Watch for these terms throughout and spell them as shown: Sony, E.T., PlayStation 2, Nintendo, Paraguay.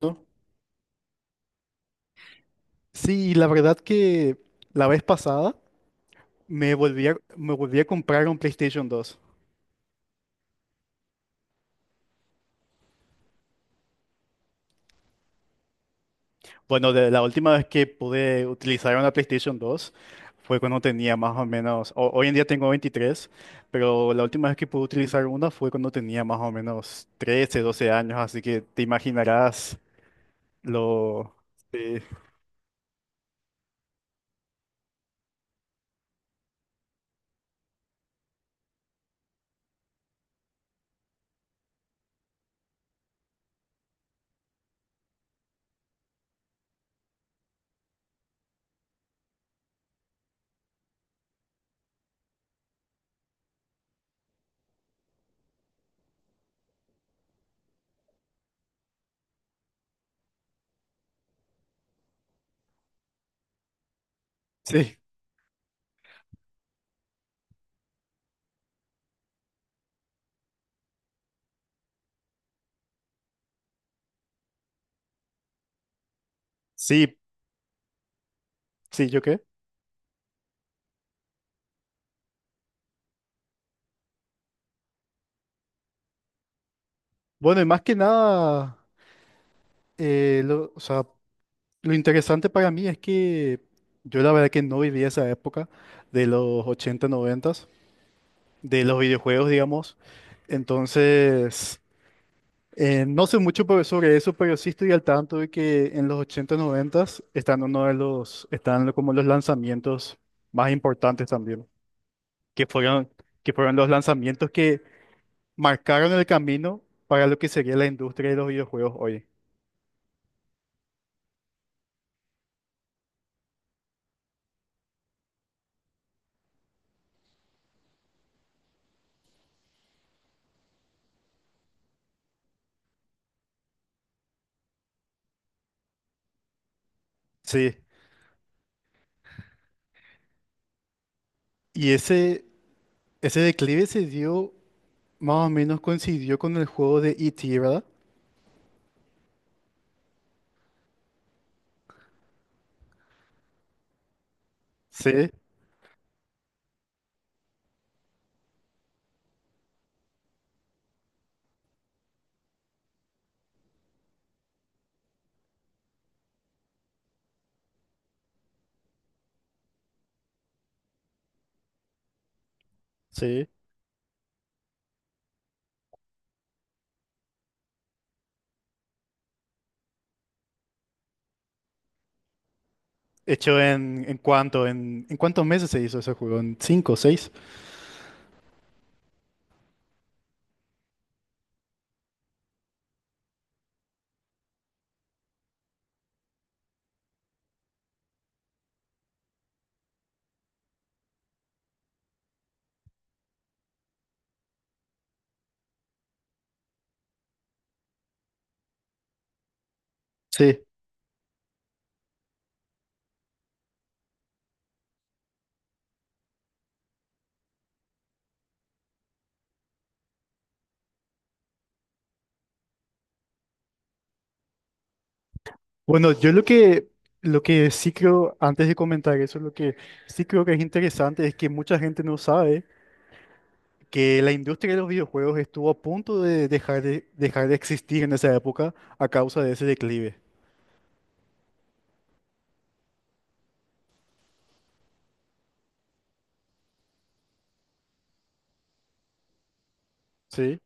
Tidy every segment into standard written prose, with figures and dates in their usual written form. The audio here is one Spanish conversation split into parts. ¿No? Sí, la verdad que la vez pasada me volví a comprar un PlayStation 2. Bueno, la última vez que pude utilizar una PlayStation 2 fue cuando tenía más o menos, hoy en día tengo 23, pero la última vez que pude utilizar una fue cuando tenía más o menos 13, 12 años, así que te imaginarás lo... Sí, sí, sí, sí, ¿yo qué? Bueno, y más que nada, o sea, lo interesante para mí es que yo la verdad que no viví esa época de los 80 90, de los videojuegos, digamos. Entonces, no sé mucho sobre eso, pero sí estoy al tanto de que en los 80 90 están uno de los, están lo- como los lanzamientos más importantes también, que fueron, que fueron los lanzamientos que marcaron el camino para lo que sería la industria de los videojuegos hoy. Sí, y ese declive se dio, más o menos coincidió con el juego de E.T., ¿verdad? Sí, sí. ¿Hecho en, en cuántos meses se hizo ese juego, en cinco seis? Sí. Bueno, yo lo que sí creo, antes de comentar eso, lo que sí creo que es interesante es que mucha gente no sabe que la industria de los videojuegos estuvo a punto de dejar de existir en esa época a causa de ese declive. Sí.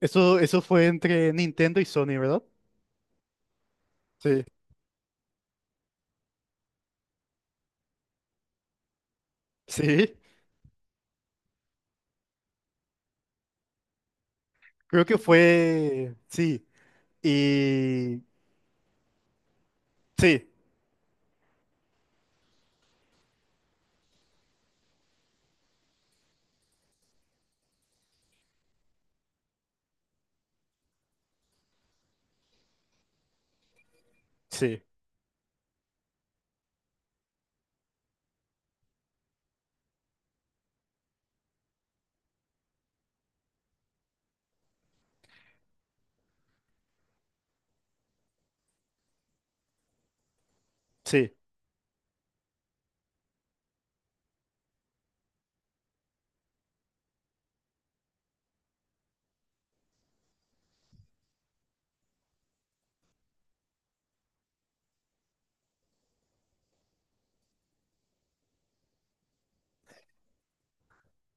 Eso fue entre Nintendo y Sony, ¿verdad? Sí. Sí. Creo que fue, sí. Y sí, sí, sí,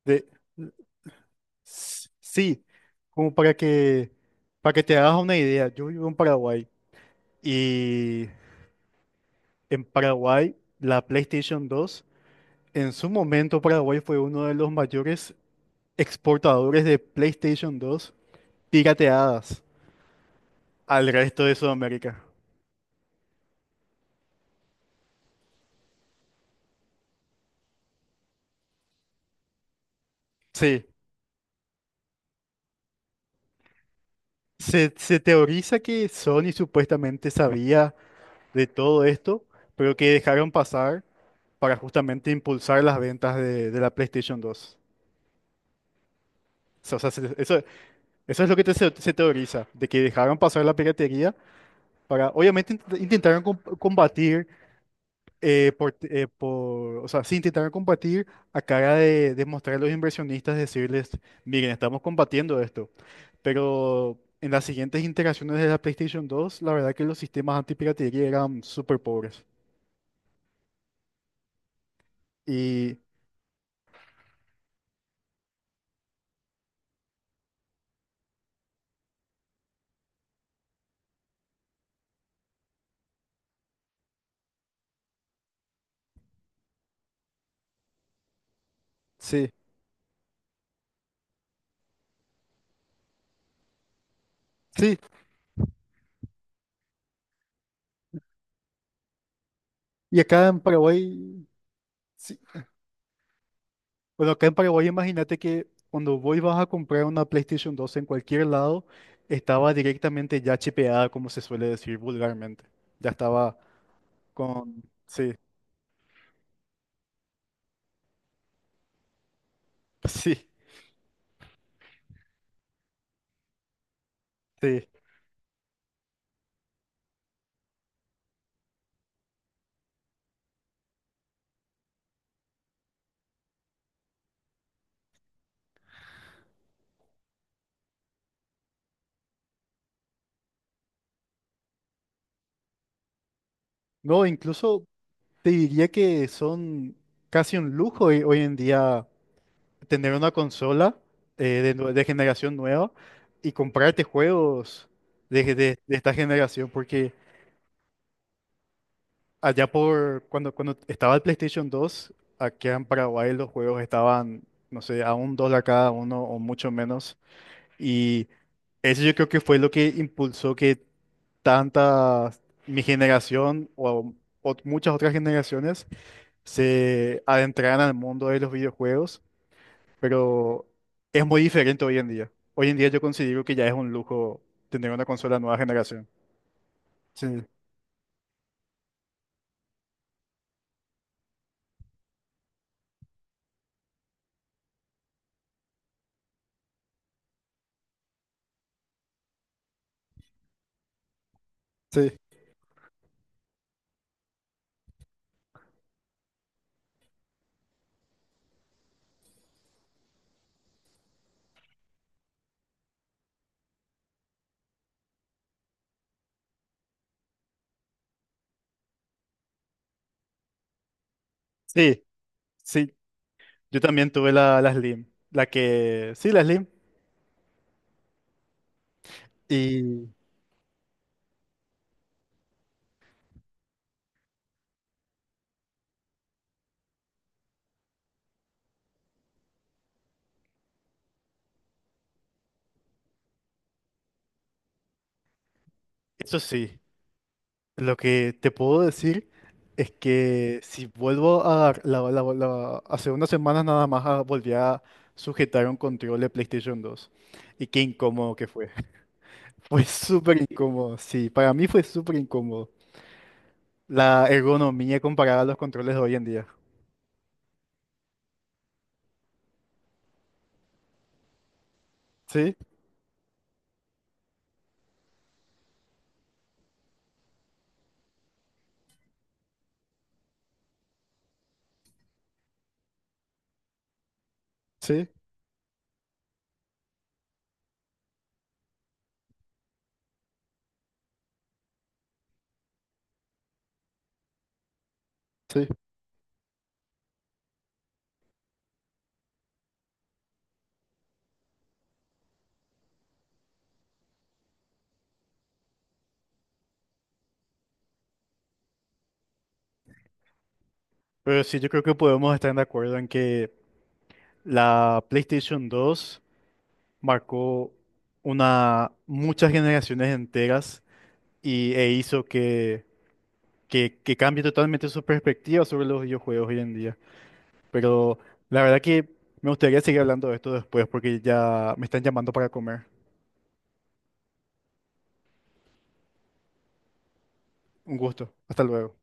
de, sí, como para que te hagas una idea, yo vivo en Paraguay y en Paraguay la PlayStation 2, en su momento Paraguay fue uno de los mayores exportadores de PlayStation 2 pirateadas al resto de Sudamérica. Sí, se teoriza que Sony supuestamente sabía de todo esto, pero que dejaron pasar para justamente impulsar las ventas de la PlayStation 2. O sea, eso es lo que se teoriza, de que dejaron pasar la piratería para, obviamente intentaron combatir, eh, por, o sea, sí intentaron combatir a cara de mostrar a los inversionistas, decirles, miren, estamos combatiendo esto, pero en las siguientes interacciones de la PlayStation 2, la verdad que los sistemas antipiratería eran súper pobres. Y sí, sí. Y acá en Paraguay, sí. Bueno, acá en Paraguay imagínate que cuando vos vas a comprar una PlayStation 2 en cualquier lado, estaba directamente ya chipeada, como se suele decir vulgarmente. Ya estaba con... Sí, sí, sí. No, incluso te diría que son casi un lujo hoy, hoy en día tener una consola de generación nueva y comprarte juegos de, de esta generación, porque... Allá por cuando estaba el PlayStation 2 aquí en Paraguay los juegos estaban, no sé, a $1 cada uno o mucho menos. Y eso yo creo que fue lo que impulsó que tanta mi generación o muchas otras generaciones se adentraran al mundo de los videojuegos, pero es muy diferente hoy en día. Hoy en día yo considero que ya es un lujo tener una consola nueva generación. Sí, sí. Sí, sí. Yo también tuve la, la Slim, la que, sí, la Slim. Y eso sí, lo que te puedo decir es que si vuelvo a, la- la- hace unas semanas nada más ah, volví a sujetar un control de PlayStation 2. Y qué incómodo que fue. Fue súper incómodo, sí, para mí fue súper incómodo. La ergonomía comparada a los controles de hoy en día. Sí, sí, sí. Pero sí, yo creo que podemos estar de acuerdo en que la PlayStation 2 marcó una, muchas generaciones enteras y, e hizo que, que cambie totalmente su perspectiva sobre los videojuegos hoy en día. Pero la verdad que me gustaría seguir hablando de esto después porque ya me están llamando para comer. Un gusto. Hasta luego.